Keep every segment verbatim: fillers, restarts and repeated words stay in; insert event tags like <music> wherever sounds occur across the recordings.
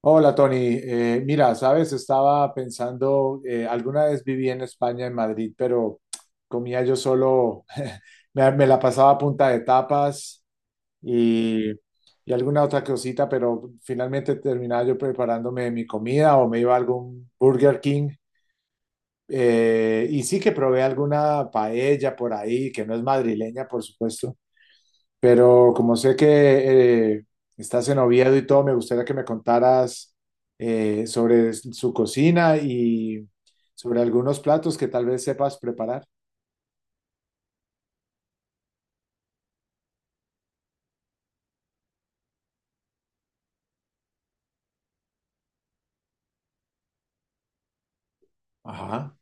Hola Tony. Eh, mira, sabes, estaba pensando, eh, alguna vez viví en España, en Madrid, pero comía yo solo, <laughs> me, me la pasaba a punta de tapas y, y alguna otra cosita, pero finalmente terminaba yo preparándome mi comida o me iba a algún Burger King. Eh, y sí que probé alguna paella por ahí, que no es madrileña, por supuesto. Pero como sé que eh, estás en Oviedo y todo, me gustaría que me contaras eh, sobre su cocina y sobre algunos platos que tal vez sepas preparar. Ajá.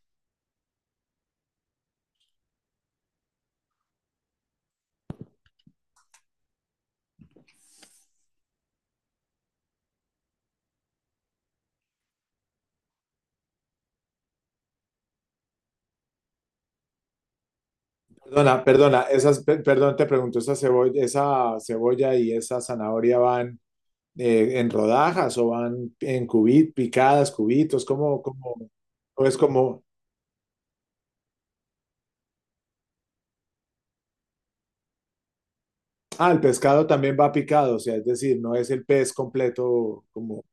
Perdona, perdona, esas, pe- perdón, te pregunto, ¿esa cebolla, esa cebolla y esa zanahoria van eh, en rodajas o van en cubitos, picadas, cubitos? ¿Cómo, cómo, o es como, ah, el pescado también va picado, o sea, es decir, no es el pez completo como,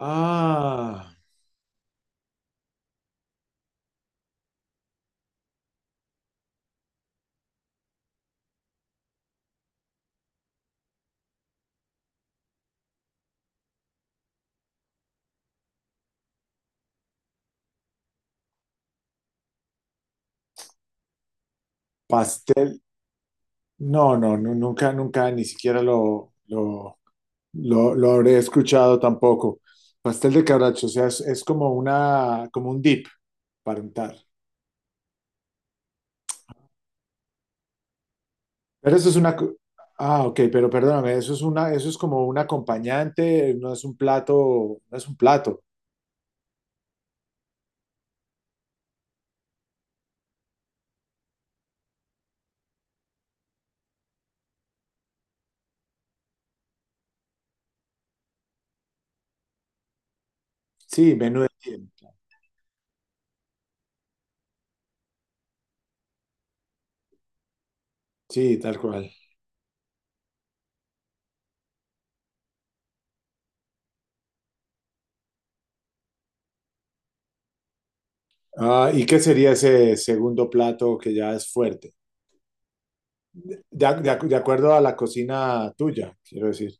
ah, pastel. No, no, nu- nunca, nunca, ni siquiera lo, lo, lo, lo habré escuchado tampoco. Pastel de cabracho, o sea, es, es como una, como un dip para untar. Pero eso es una, co- ah, ok, pero perdóname, eso es una, eso es como un acompañante, no es un plato, no es un plato. Sí, menú de tiempo. Sí, tal cual. Ah, ¿y qué sería ese segundo plato que ya es fuerte? De, de ac- de ac- de acuerdo a la cocina tuya, quiero decir.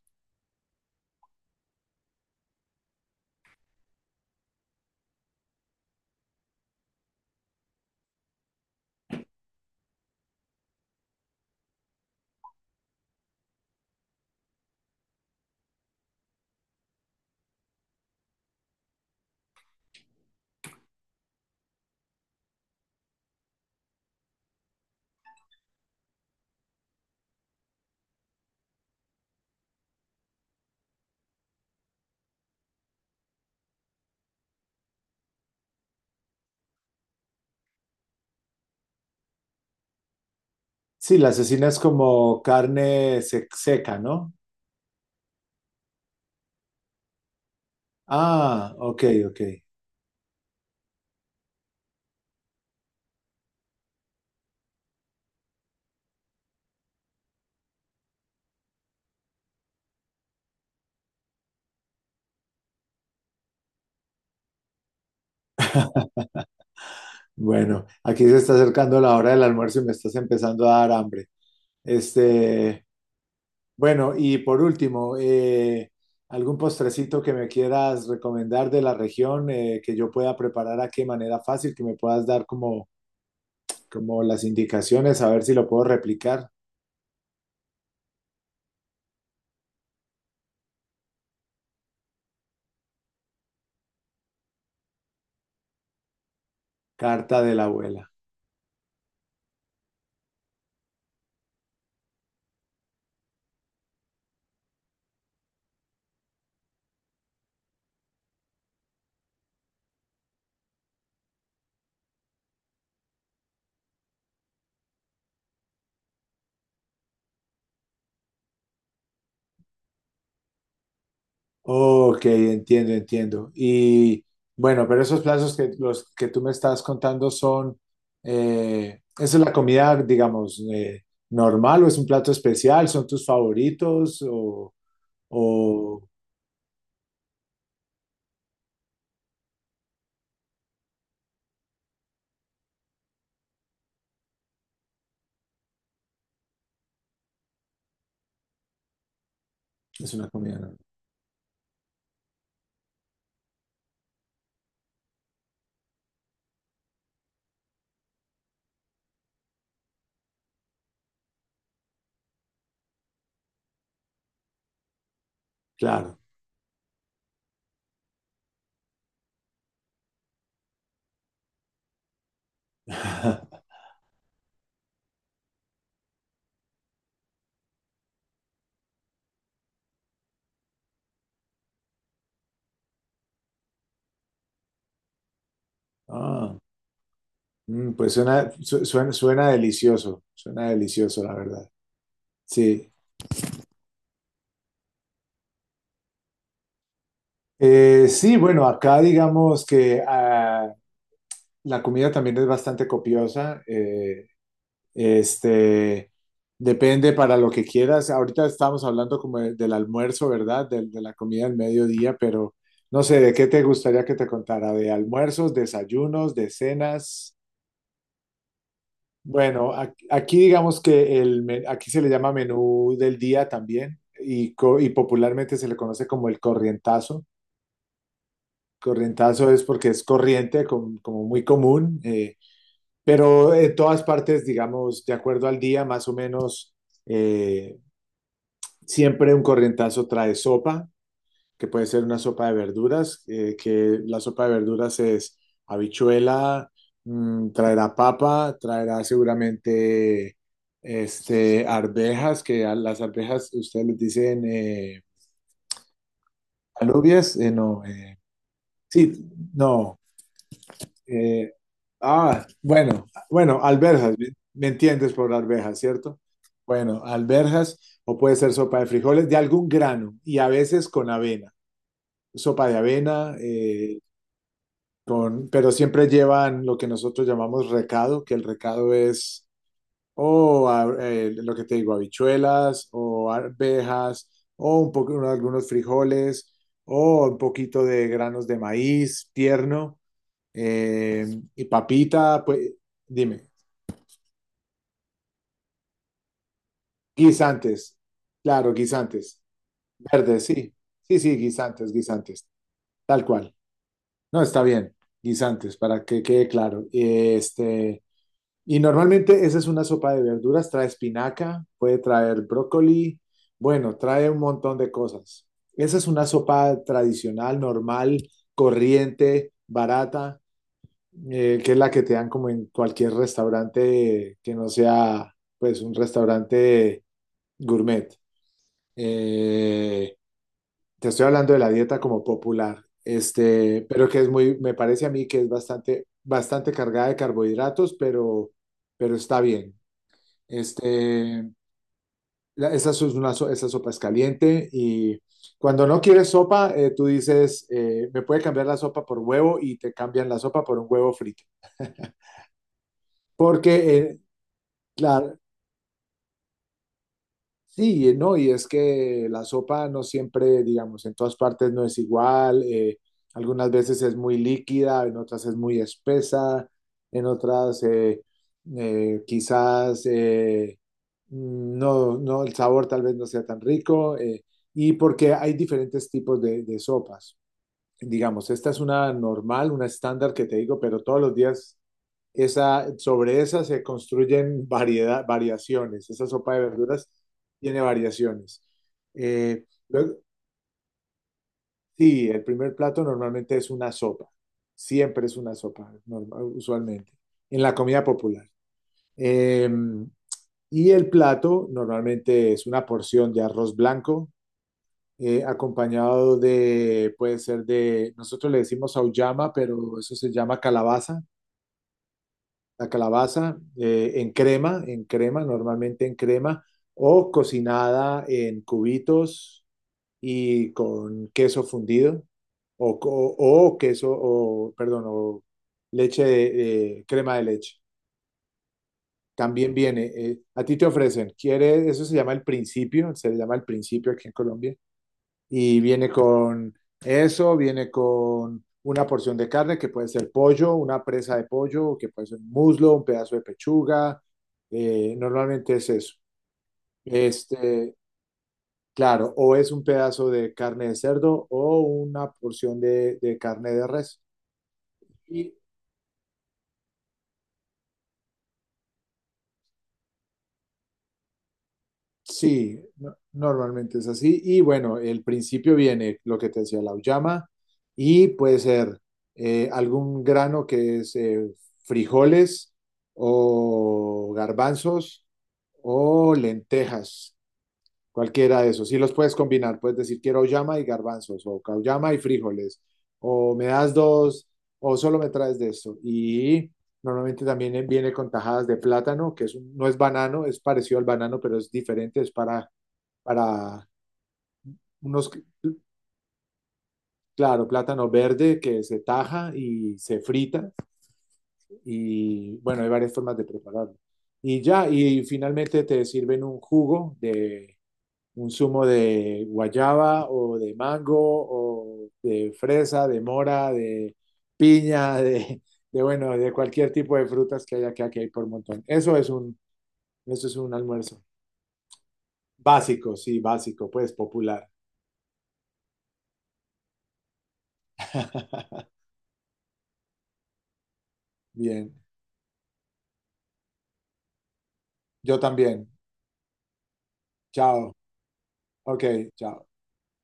Sí, la cecina es como carne sec- seca, ¿no? Ah, ok, ok. Bueno, aquí se está acercando la hora del almuerzo y me estás empezando a dar hambre. Este, bueno, y por último, eh, ¿algún postrecito que me quieras recomendar de la región eh, que yo pueda preparar aquí de manera fácil, que me puedas dar como, como las indicaciones, a ver si lo puedo replicar? Carta de la abuela. Ok, entiendo, entiendo. Y bueno, pero esos plazos que los que tú me estás contando son, eh, ¿esa es la comida, digamos, eh, normal o es un plato especial? ¿Son tus favoritos o, o es una comida normal? Claro. <laughs> Ah, mm, pues suena, su- suena, suena delicioso, suena delicioso, la verdad. Sí. Eh, sí, bueno, acá digamos que ah, la comida también es bastante copiosa. eh, Este, depende para lo que quieras. Ahorita estábamos hablando como de- del almuerzo, ¿verdad? Del- de la comida del mediodía, pero no sé, ¿de qué te gustaría que te contara? ¿De almuerzos, desayunos, de cenas? Bueno, ac- aquí digamos que el, me- aquí se le llama menú del día también y, co- y popularmente se le conoce como el corrientazo. Corrientazo es porque es corriente, com- como muy común, eh, pero en todas partes, digamos, de acuerdo al día, más o menos eh, siempre un corrientazo trae sopa, que puede ser una sopa de verduras, eh, que la sopa de verduras es habichuela, mm, traerá papa, traerá seguramente este, arvejas, que a las arvejas ustedes les dicen eh, alubias, eh, no, eh, sí, no, eh, ah, bueno, bueno, alberjas, ¿me me entiendes por arvejas, cierto? Bueno, alberjas, o puede ser sopa de frijoles de algún grano y a veces con avena. Sopa de avena, eh, con, pero siempre llevan lo que nosotros llamamos recado, que el recado es o a- eh, lo que te digo, habichuelas o arvejas o un poco, algunos frijoles o un poquito de granos de maíz tierno, eh, y papita, pues dime, guisantes, claro, guisantes, verdes, sí, sí, sí, guisantes, guisantes, tal cual. No, está bien, guisantes, para que quede claro. Este, y normalmente esa es una sopa de verduras, trae espinaca, puede traer brócoli, bueno, trae un montón de cosas. Esa es una sopa tradicional, normal, corriente, barata, eh, que es la que te dan como en cualquier restaurante que no sea pues un restaurante gourmet. Eh, te estoy hablando de la dieta como popular, este, pero que es muy, me parece a mí que es bastante, bastante cargada de carbohidratos, pero, pero está bien. Este, la- esa, so- es una, so- esa sopa es caliente y cuando no quieres sopa, eh, tú dices, eh, me puede cambiar la sopa por huevo y te cambian la sopa por un huevo frito. Porque, eh, la- sí, no, y es que la sopa no siempre, digamos, en todas partes no es igual. Eh, algunas veces es muy líquida, en otras es muy espesa, en otras eh, eh, quizás eh, no, no, el sabor tal vez no sea tan rico. Eh, y porque hay diferentes tipos de, de sopas digamos, esta es una normal, una estándar que te digo, pero todos los días esa, sobre esa se construyen variedad, variaciones. Esa sopa de verduras tiene variaciones. Eh, luego, sí, el primer plato normalmente es una sopa. Siempre es una sopa, normal- usualmente, en la comida popular. Eh, y el plato normalmente es una porción de arroz blanco, eh, acompañado de, puede ser de, nosotros le decimos auyama, pero eso se llama calabaza, la calabaza eh, en crema, en crema, normalmente en crema, o cocinada en cubitos y con queso fundido, o, co- o queso, o, perdón, o leche de, eh, crema de leche. También viene, eh, a ti te ofrecen, ¿quieres? Eso se llama el principio, se le llama el principio aquí en Colombia y viene con eso, viene con una porción de carne que puede ser pollo, una presa de pollo, que puede ser un muslo, un pedazo de pechuga, eh, normalmente es eso. Este, claro, o es un pedazo de carne de cerdo o una porción de, de carne de res. Y sí, no- normalmente es así. Y bueno, el principio viene lo que te decía, la uyama, y puede ser eh, algún grano que es eh, frijoles o garbanzos o lentejas, cualquiera de esos. Sí los puedes combinar, puedes decir quiero uyama y garbanzos o cauyama y frijoles, o me das dos, o solo me traes de esto. Y normalmente también viene con tajadas de plátano, que es un- no es banano, es parecido al banano, pero es diferente, es para para unos, claro, plátano verde que se taja y se frita y bueno, hay varias formas de prepararlo. Y ya, y finalmente te sirven un jugo de un zumo de guayaba o de mango o de fresa, de mora, de piña, de, de bueno, de cualquier tipo de frutas que haya que aquí hay por montón. Eso es un, eso es un almuerzo. Básico, sí, básico, pues popular. <laughs> Bien, yo también. Chao. Ok, chao.